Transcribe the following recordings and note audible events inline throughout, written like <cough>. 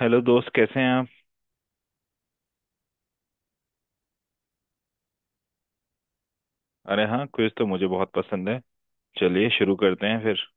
Hello दोस्त, कैसे हैं आप। अरे हाँ, क्विज तो मुझे बहुत पसंद है। चलिए शुरू करते हैं फिर।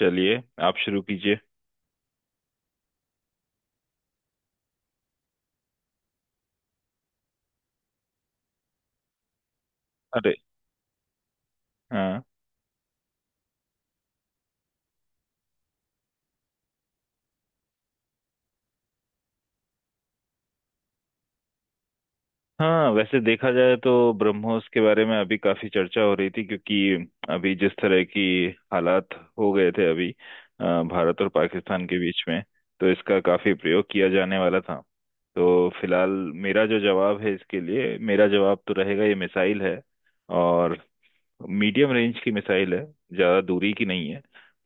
चलिए, आप शुरू कीजिए। अरे हाँ। हाँ, वैसे देखा जाए तो ब्रह्मोस के बारे में अभी काफी चर्चा हो रही थी, क्योंकि अभी जिस तरह की हालात हो गए थे अभी भारत और पाकिस्तान के बीच में, तो इसका काफी प्रयोग किया जाने वाला था। तो फिलहाल मेरा जो जवाब है, इसके लिए मेरा जवाब तो रहेगा ये मिसाइल है, और मीडियम रेंज की मिसाइल है, ज्यादा दूरी की नहीं है।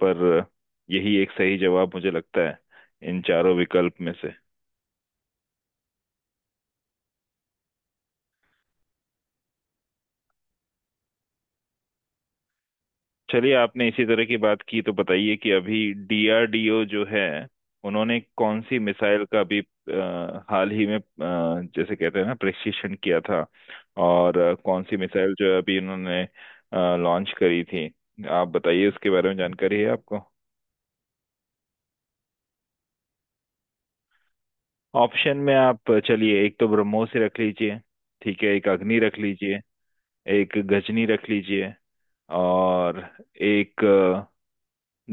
पर यही एक सही जवाब मुझे लगता है इन चारों विकल्प में से। चलिए, आपने इसी तरह की बात की तो बताइए कि अभी डीआरडीओ जो है, उन्होंने कौन सी मिसाइल का भी हाल ही में जैसे कहते हैं ना प्रशिक्षण किया था, और कौन सी मिसाइल जो है अभी उन्होंने लॉन्च करी थी। आप बताइए, उसके बारे में जानकारी है आपको। ऑप्शन में आप चलिए एक तो ब्रह्मोस ही रख लीजिए, ठीक है, एक अग्नि रख लीजिए, एक गजनी रख लीजिए, और एक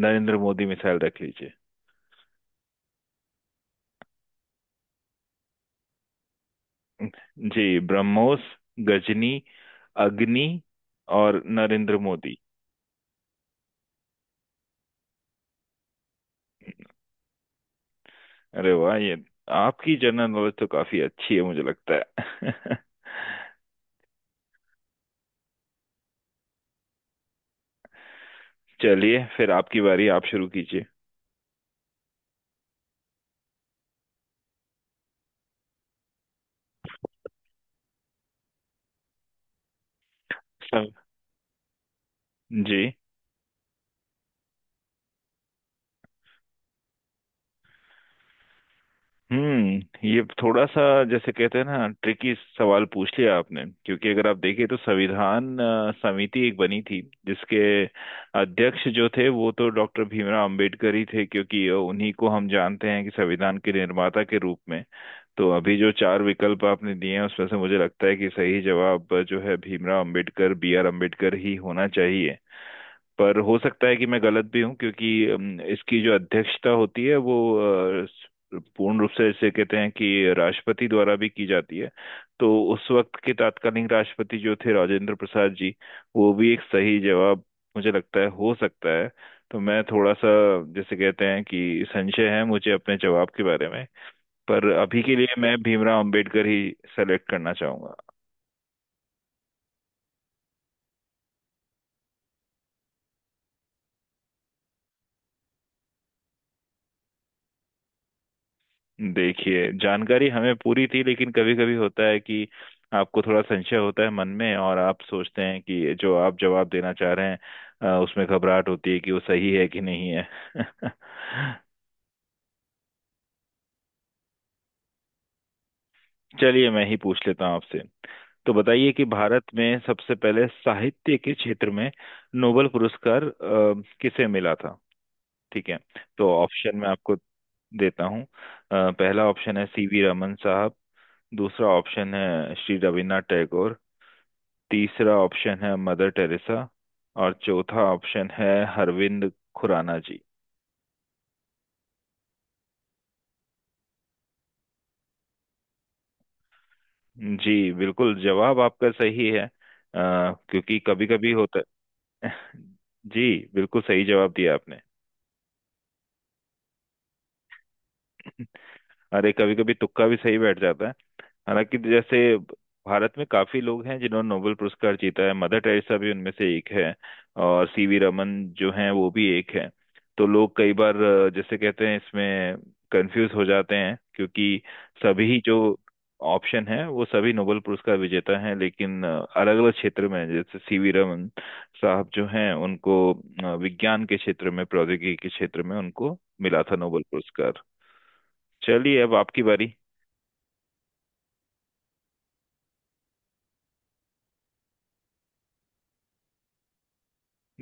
नरेंद्र मोदी मिसाइल रख लीजिए। जी, ब्रह्मोस, गजनी, अग्नि और नरेंद्र मोदी। अरे वाह, ये आपकी जनरल नॉलेज तो काफी अच्छी है मुझे लगता है। <laughs> चलिए फिर, आपकी बारी, आप शुरू कीजिए। सब। जी। हम्म, ये थोड़ा सा जैसे कहते हैं ना ट्रिकी सवाल पूछ लिया आपने, क्योंकि अगर आप देखें तो संविधान समिति एक बनी थी, जिसके अध्यक्ष जो थे वो तो डॉक्टर भीमराव अंबेडकर ही थे, क्योंकि उन्हीं को हम जानते हैं कि संविधान के निर्माता के रूप में। तो अभी जो चार विकल्प आपने दिए हैं, उसमें से मुझे लगता है कि सही जवाब जो है भीमराव अंबेडकर, बी आर अम्बेडकर ही होना चाहिए। पर हो सकता है कि मैं गलत भी हूँ, क्योंकि इसकी जो अध्यक्षता होती है वो अ, स- पूर्ण रूप से इसे कहते हैं कि राष्ट्रपति द्वारा भी की जाती है। तो उस वक्त के तात्कालीन राष्ट्रपति जो थे, राजेंद्र प्रसाद जी, वो भी एक सही जवाब मुझे लगता है हो सकता है। तो मैं थोड़ा सा जैसे कहते हैं कि संशय है मुझे अपने जवाब के बारे में। पर अभी के लिए मैं भीमराव अंबेडकर ही सेलेक्ट करना चाहूंगा। देखिए, जानकारी हमें पूरी थी, लेकिन कभी कभी होता है कि आपको थोड़ा संशय होता है मन में, और आप सोचते हैं कि जो आप जवाब देना चाह रहे हैं उसमें घबराहट होती है कि वो सही है कि नहीं है। <laughs> चलिए मैं ही पूछ लेता हूँ आपसे। तो बताइए कि भारत में सबसे पहले साहित्य के क्षेत्र में नोबेल पुरस्कार किसे मिला था। ठीक है, तो ऑप्शन मैं आपको देता हूँ। पहला ऑप्शन है सीवी रमन साहब, दूसरा ऑप्शन है श्री रविन्द्रनाथ टैगोर, तीसरा ऑप्शन है मदर टेरेसा, और चौथा ऑप्शन है अरविंद खुराना जी। जी बिल्कुल, जवाब आपका सही है। क्योंकि कभी कभी होता <laughs> है। जी, बिल्कुल सही जवाब दिया आपने। <laughs> अरे कभी कभी तुक्का भी सही बैठ जाता है। हालांकि जैसे भारत में काफी लोग हैं जिन्होंने नोबेल पुरस्कार जीता है, मदर टेरेसा भी उनमें से एक है, और सीवी रमन जो हैं वो भी एक हैं। तो लोग कई बार जैसे कहते हैं इसमें कंफ्यूज हो जाते हैं, क्योंकि सभी जो ऑप्शन है वो सभी नोबेल पुरस्कार विजेता हैं, लेकिन अलग अलग क्षेत्र में हैं। जैसे सीवी रमन साहब जो हैं उनको विज्ञान के क्षेत्र में, प्रौद्योगिकी के क्षेत्र में उनको मिला था नोबेल पुरस्कार। चलिए अब आपकी बारी।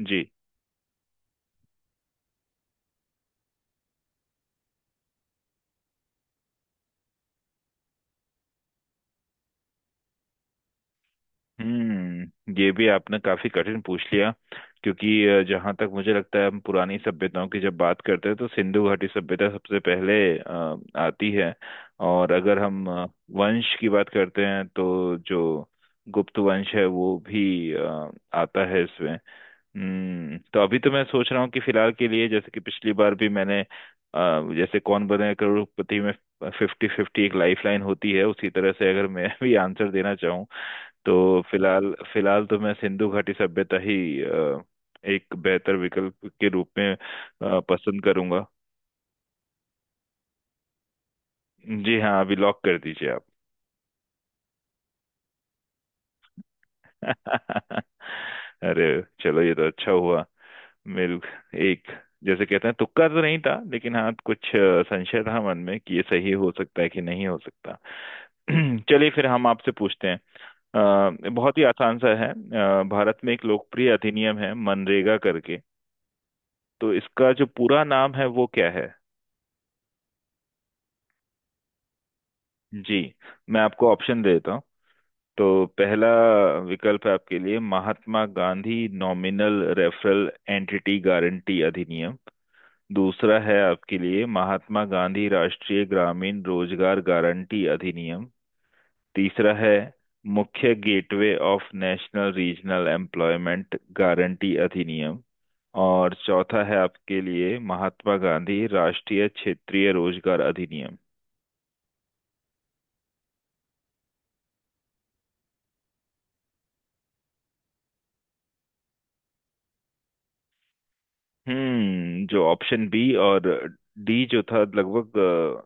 जी। हम्म, ये भी आपने काफी कठिन पूछ लिया, क्योंकि जहाँ तक मुझे लगता है हम पुरानी सभ्यताओं की जब बात करते हैं तो सिंधु घाटी सभ्यता सबसे पहले अ, आती है। और अगर हम वंश की बात करते हैं तो जो गुप्त वंश है वो भी आता है इसमें। हम्म, तो अभी तो मैं सोच रहा हूँ कि फिलहाल के लिए, जैसे कि पिछली बार भी मैंने जैसे कौन बने करोड़पति में फिफ्टी फिफ्टी एक लाइफ लाइन होती है, उसी तरह से अगर मैं भी आंसर देना, तो फिलहाल फिलहाल तो मैं सिंधु घाटी सभ्यता ही अ, एक बेहतर विकल्प के रूप में पसंद करूंगा। जी हाँ, अभी लॉक कर दीजिए आप। <laughs> अरे, चलो ये तो अच्छा हुआ, मेरे एक जैसे कहते हैं तुक्का तो नहीं था, लेकिन हाँ कुछ संशय था मन में कि ये सही हो सकता है कि नहीं हो सकता। <clears throat> चलिए फिर हम आपसे पूछते हैं, बहुत ही आसान सा है। भारत में एक लोकप्रिय अधिनियम है मनरेगा करके, तो इसका जो पूरा नाम है वो क्या है। जी, मैं आपको ऑप्शन देता हूँ। तो पहला विकल्प है आपके लिए Mahatma Gandhi nominal referral entity guarantee अधिनियम, दूसरा है आपके लिए महात्मा गांधी राष्ट्रीय ग्रामीण रोजगार गारंटी अधिनियम, तीसरा है मुख्य gateway of national regional employment guarantee अधिनियम, और चौथा है आपके लिए महात्मा गांधी राष्ट्रीय क्षेत्रीय रोजगार अधिनियम। हम्म, जो ऑप्शन बी और डी जो था लगभग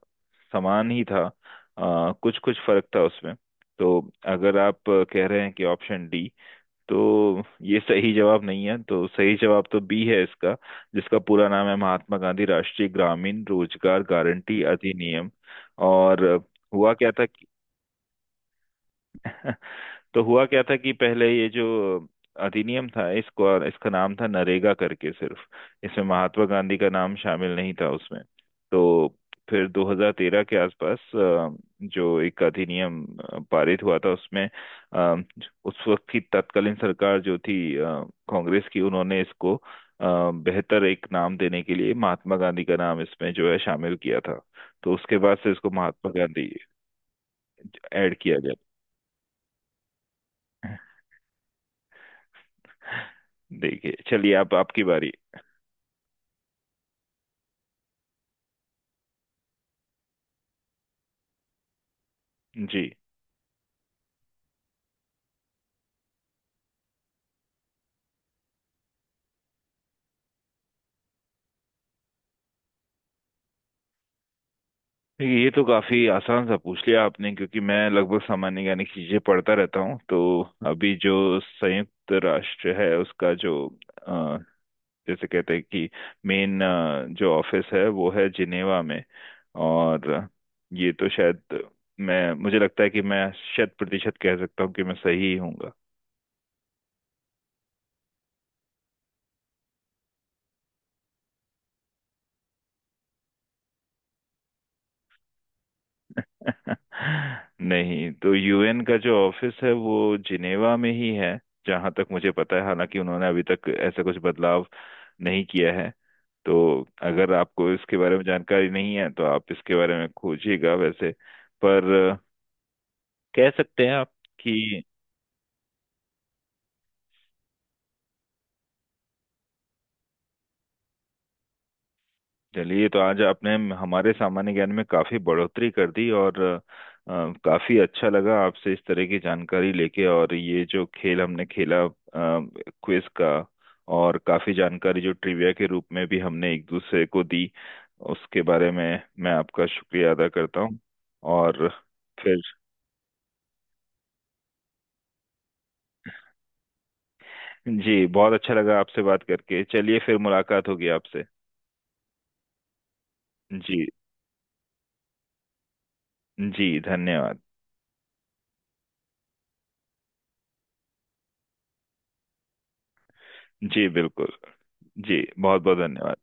समान ही था, कुछ कुछ फर्क था उसमें। तो अगर आप कह रहे हैं कि ऑप्शन डी, तो ये सही जवाब नहीं है, तो सही जवाब तो बी है इसका, जिसका पूरा नाम है महात्मा गांधी राष्ट्रीय ग्रामीण रोजगार गारंटी अधिनियम। और हुआ क्या था कि <laughs> तो हुआ क्या था कि पहले ये जो अधिनियम था, इसको इसका नाम था नरेगा करके सिर्फ, इसमें महात्मा गांधी का नाम शामिल नहीं था उसमें। तो फिर 2013 के आसपास जो एक अधिनियम पारित हुआ था उसमें, अ, उस वक्त की तत्कालीन सरकार जो थी कांग्रेस की, उन्होंने इसको बेहतर एक नाम देने के लिए महात्मा गांधी का नाम इसमें जो है शामिल किया था। तो उसके बाद से इसको महात्मा गांधी ऐड किया गया। देखिए, चलिए आप, आपकी बारी। जी। देखिए, ये तो काफी आसान सा पूछ लिया आपने, क्योंकि मैं लगभग सामान्य ज्ञान की चीजें पढ़ता रहता हूँ, तो अभी जो संयुक्त राष्ट्र है उसका जो अ, जैसे कहते हैं कि मेन जो ऑफिस है वो है जिनेवा में। और ये तो शायद, मैं मुझे लगता है कि मैं शत प्रतिशत कह सकता हूँ कि मैं सही ही हूँ। <laughs> नहीं तो यूएन का जो ऑफिस है वो जिनेवा में ही है, जहां तक मुझे पता है। हालांकि उन्होंने अभी तक ऐसा कुछ बदलाव नहीं किया है, तो अगर आपको इसके बारे में जानकारी नहीं है तो आप इसके बारे में खोजिएगा वैसे। पर कह सकते हैं आप कि चलिए, तो आज आपने हमारे सामान्य ज्ञान में काफी बढ़ोतरी कर दी, और काफी अच्छा लगा आपसे इस तरह की जानकारी लेके, और ये जो खेल हमने खेला क्विज का, और काफी जानकारी जो ट्रिविया के रूप में भी हमने एक दूसरे को दी, उसके बारे में मैं आपका शुक्रिया अदा करता हूँ। और फिर जी, बहुत अच्छा लगा आपसे बात करके। चलिए फिर मुलाकात होगी आपसे। जी। जी धन्यवाद। जी बिल्कुल। जी बहुत बहुत धन्यवाद।